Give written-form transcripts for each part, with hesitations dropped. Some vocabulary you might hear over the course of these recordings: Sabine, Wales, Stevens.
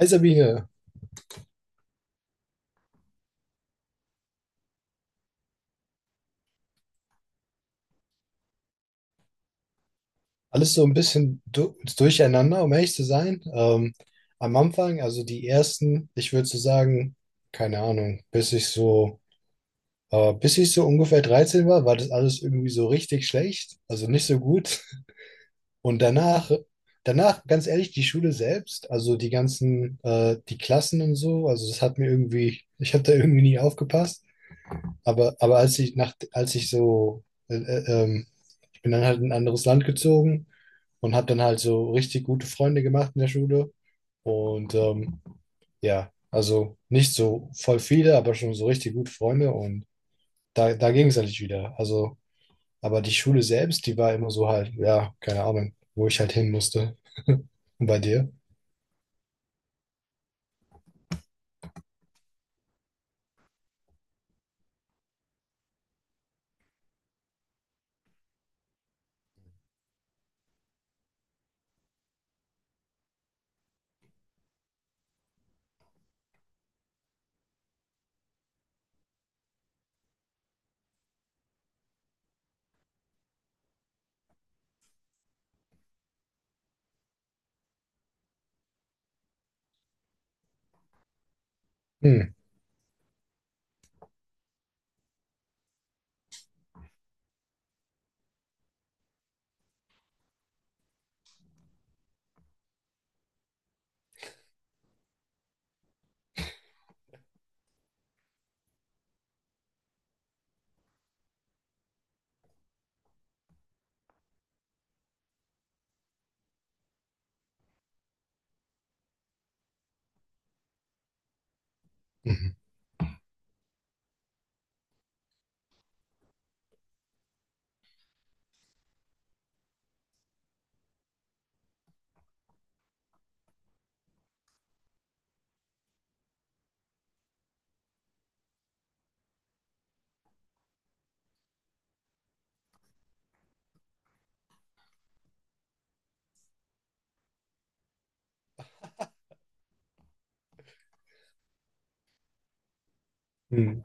Hi Sabine, alles so ein bisschen du durcheinander, um ehrlich zu sein. Am Anfang, also die ersten, ich würde so sagen, keine Ahnung, bis ich so ungefähr 13 war, war das alles irgendwie so richtig schlecht, also nicht so gut. Und danach, ganz ehrlich, die Schule selbst, also die ganzen, die Klassen und so, also das hat mir irgendwie, ich habe da irgendwie nie aufgepasst. Aber als ich nach, als ich so, äh, äh, ähm, ich bin dann halt in ein anderes Land gezogen und habe dann halt so richtig gute Freunde gemacht in der Schule. Und ja, also nicht so voll viele, aber schon so richtig gute Freunde. Und da ging es eigentlich wieder. Also, aber die Schule selbst, die war immer so halt, ja, keine Ahnung, wo ich halt hin musste. Und bei dir? Hm. Mhm. Hm.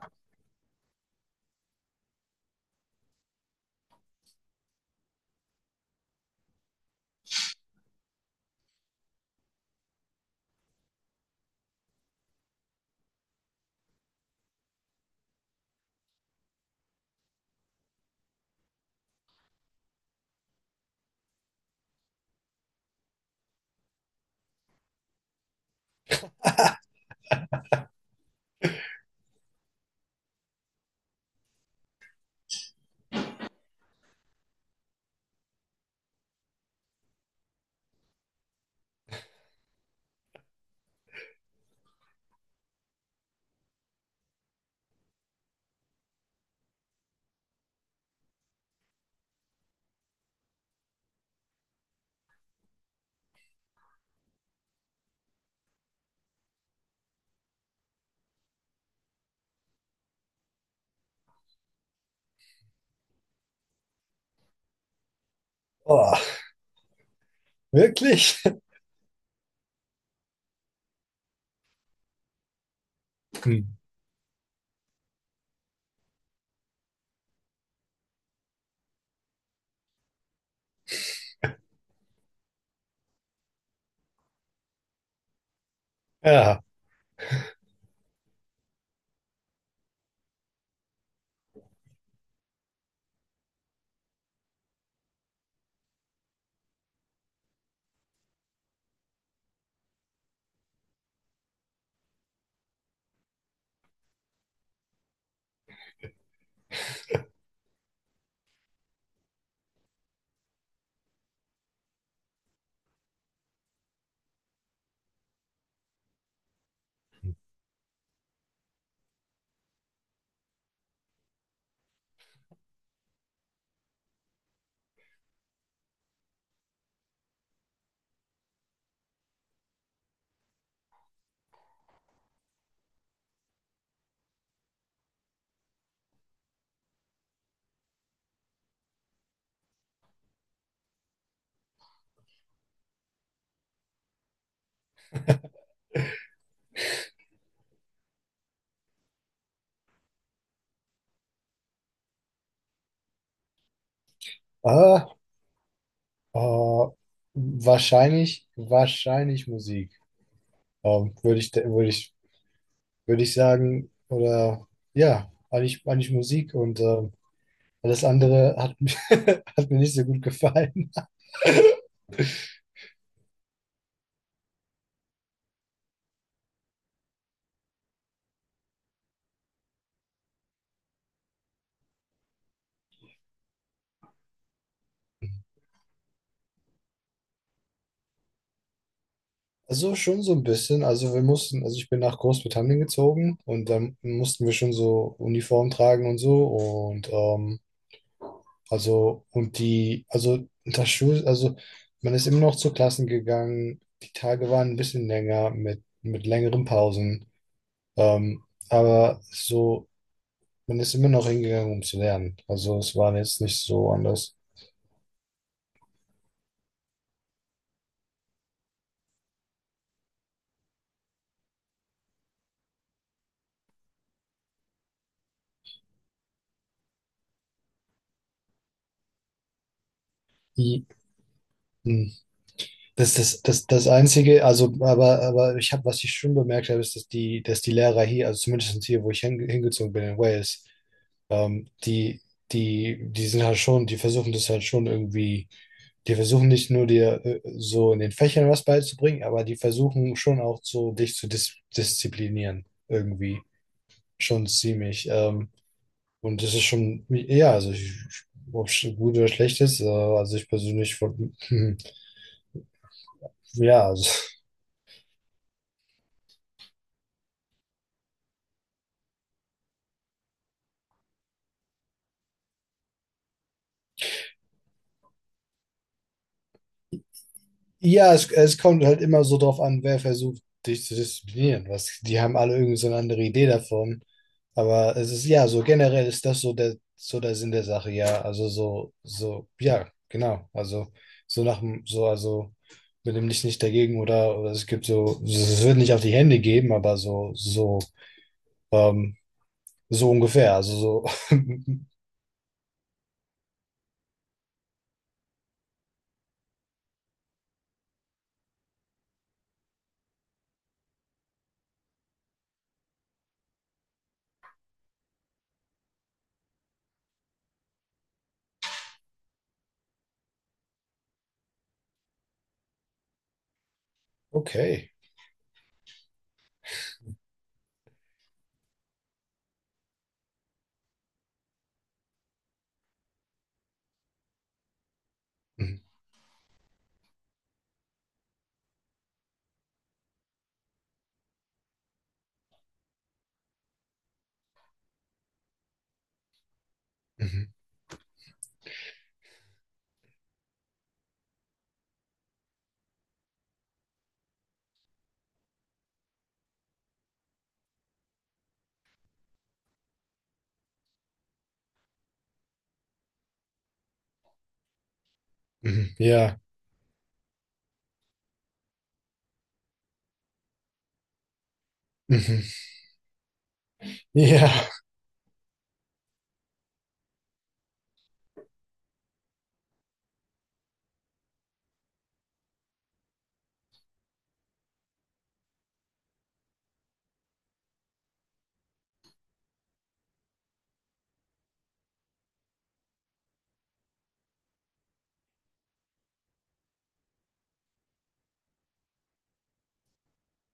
Oh, wirklich? Hm. Ja. Ah. Äh, wahrscheinlich Musik. Ähm, würde ich, würde ich, würde ich sagen, oder ja, eigentlich Musik und alles andere hat, hat mir nicht so gut gefallen. Also schon so ein bisschen. Also ich bin nach Großbritannien gezogen und dann mussten wir schon so Uniform tragen und so. Und also und die, also man ist immer noch zu Klassen gegangen. Die Tage waren ein bisschen länger mit längeren Pausen. Ähm, aber so, man ist immer noch hingegangen, um zu lernen. Also es war jetzt nicht so anders. I- m. Das Einzige, also, aber ich habe, was ich schon bemerkt habe, ist, dass die Lehrer hier, also zumindest hier, wo ich hingezogen bin in Wales, ähm, die, die sind halt schon, die versuchen das halt schon irgendwie, die versuchen nicht nur dir so in den Fächern was beizubringen, aber die versuchen schon auch so, dich zu disziplinieren, irgendwie. Schon ziemlich. Und das ist schon, ja, also ich, ob es gut oder schlecht ist, also ich persönlich, von, ja, also, ja, es kommt halt immer so drauf an, wer versucht, dich zu disziplinieren. Was, die haben alle irgendwie so eine andere Idee davon. Aber es ist, ja, so generell ist das so der Sinn der Sache, ja. Also so, ja, genau. Also so nach dem, so, also mit dem Licht nicht dagegen oder es gibt so, es wird nicht auf die Hände geben, aber so, ähm, so ungefähr. Also so. Okay. Mhm. Mhm. Mhm. Ja. Mhm. Ja.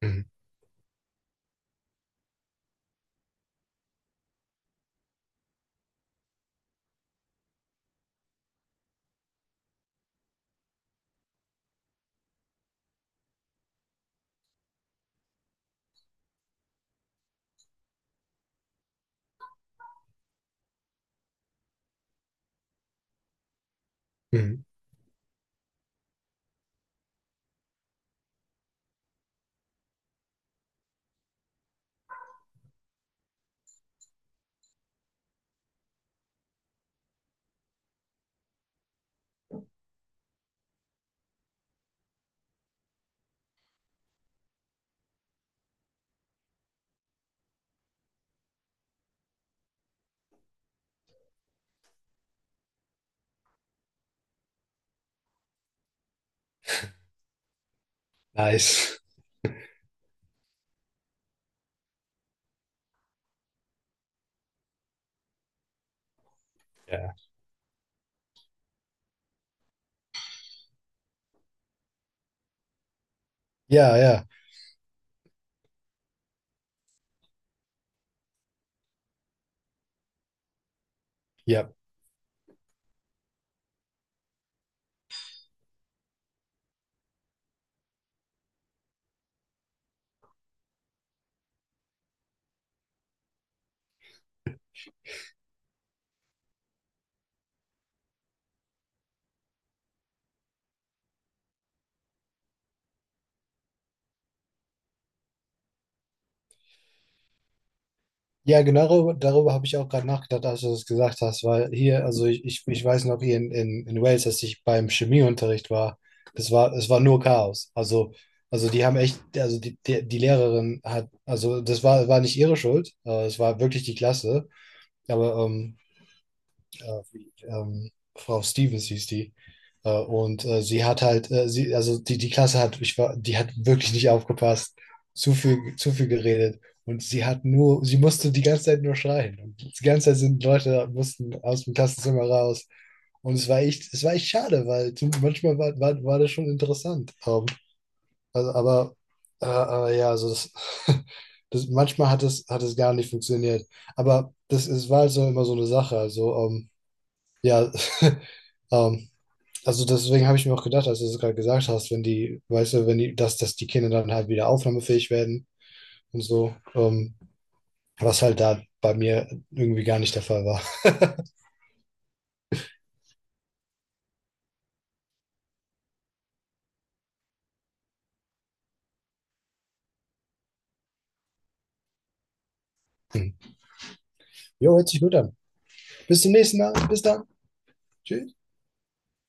Mhm. Mhm. Nice. Ja. Ja, ja. Ja. Ja, genau darüber habe ich auch gerade nachgedacht, als du das gesagt hast, weil hier, also ich weiß noch hier in Wales, dass ich beim Chemieunterricht war, das war, es war nur Chaos. Also die haben echt, also die Lehrerin hat, also das war, war nicht ihre Schuld, es war wirklich die Klasse. Aber wie, Frau Stevens hieß die. Und sie hat halt, sie, also die Klasse hat, ich war, die hat wirklich nicht aufgepasst, zu viel geredet. Und sie hat nur, sie musste die ganze Zeit nur schreien. Und die ganze Zeit sind Leute, mussten aus dem Klassenzimmer raus. Und es war echt schade, weil manchmal war das schon interessant. Also, aber ja, also das, das, manchmal hat es gar nicht funktioniert. Aber das, es war also immer so eine Sache. Also, ja, ähm, also deswegen habe ich mir auch gedacht, als du es gerade gesagt hast, wenn die, weißt du, wenn die, dass die Kinder dann halt wieder aufnahmefähig werden und so, was halt da bei mir irgendwie gar nicht der Fall war. Jo, hört sich gut an. Bis zum nächsten Mal. Bis dann. Tschüss.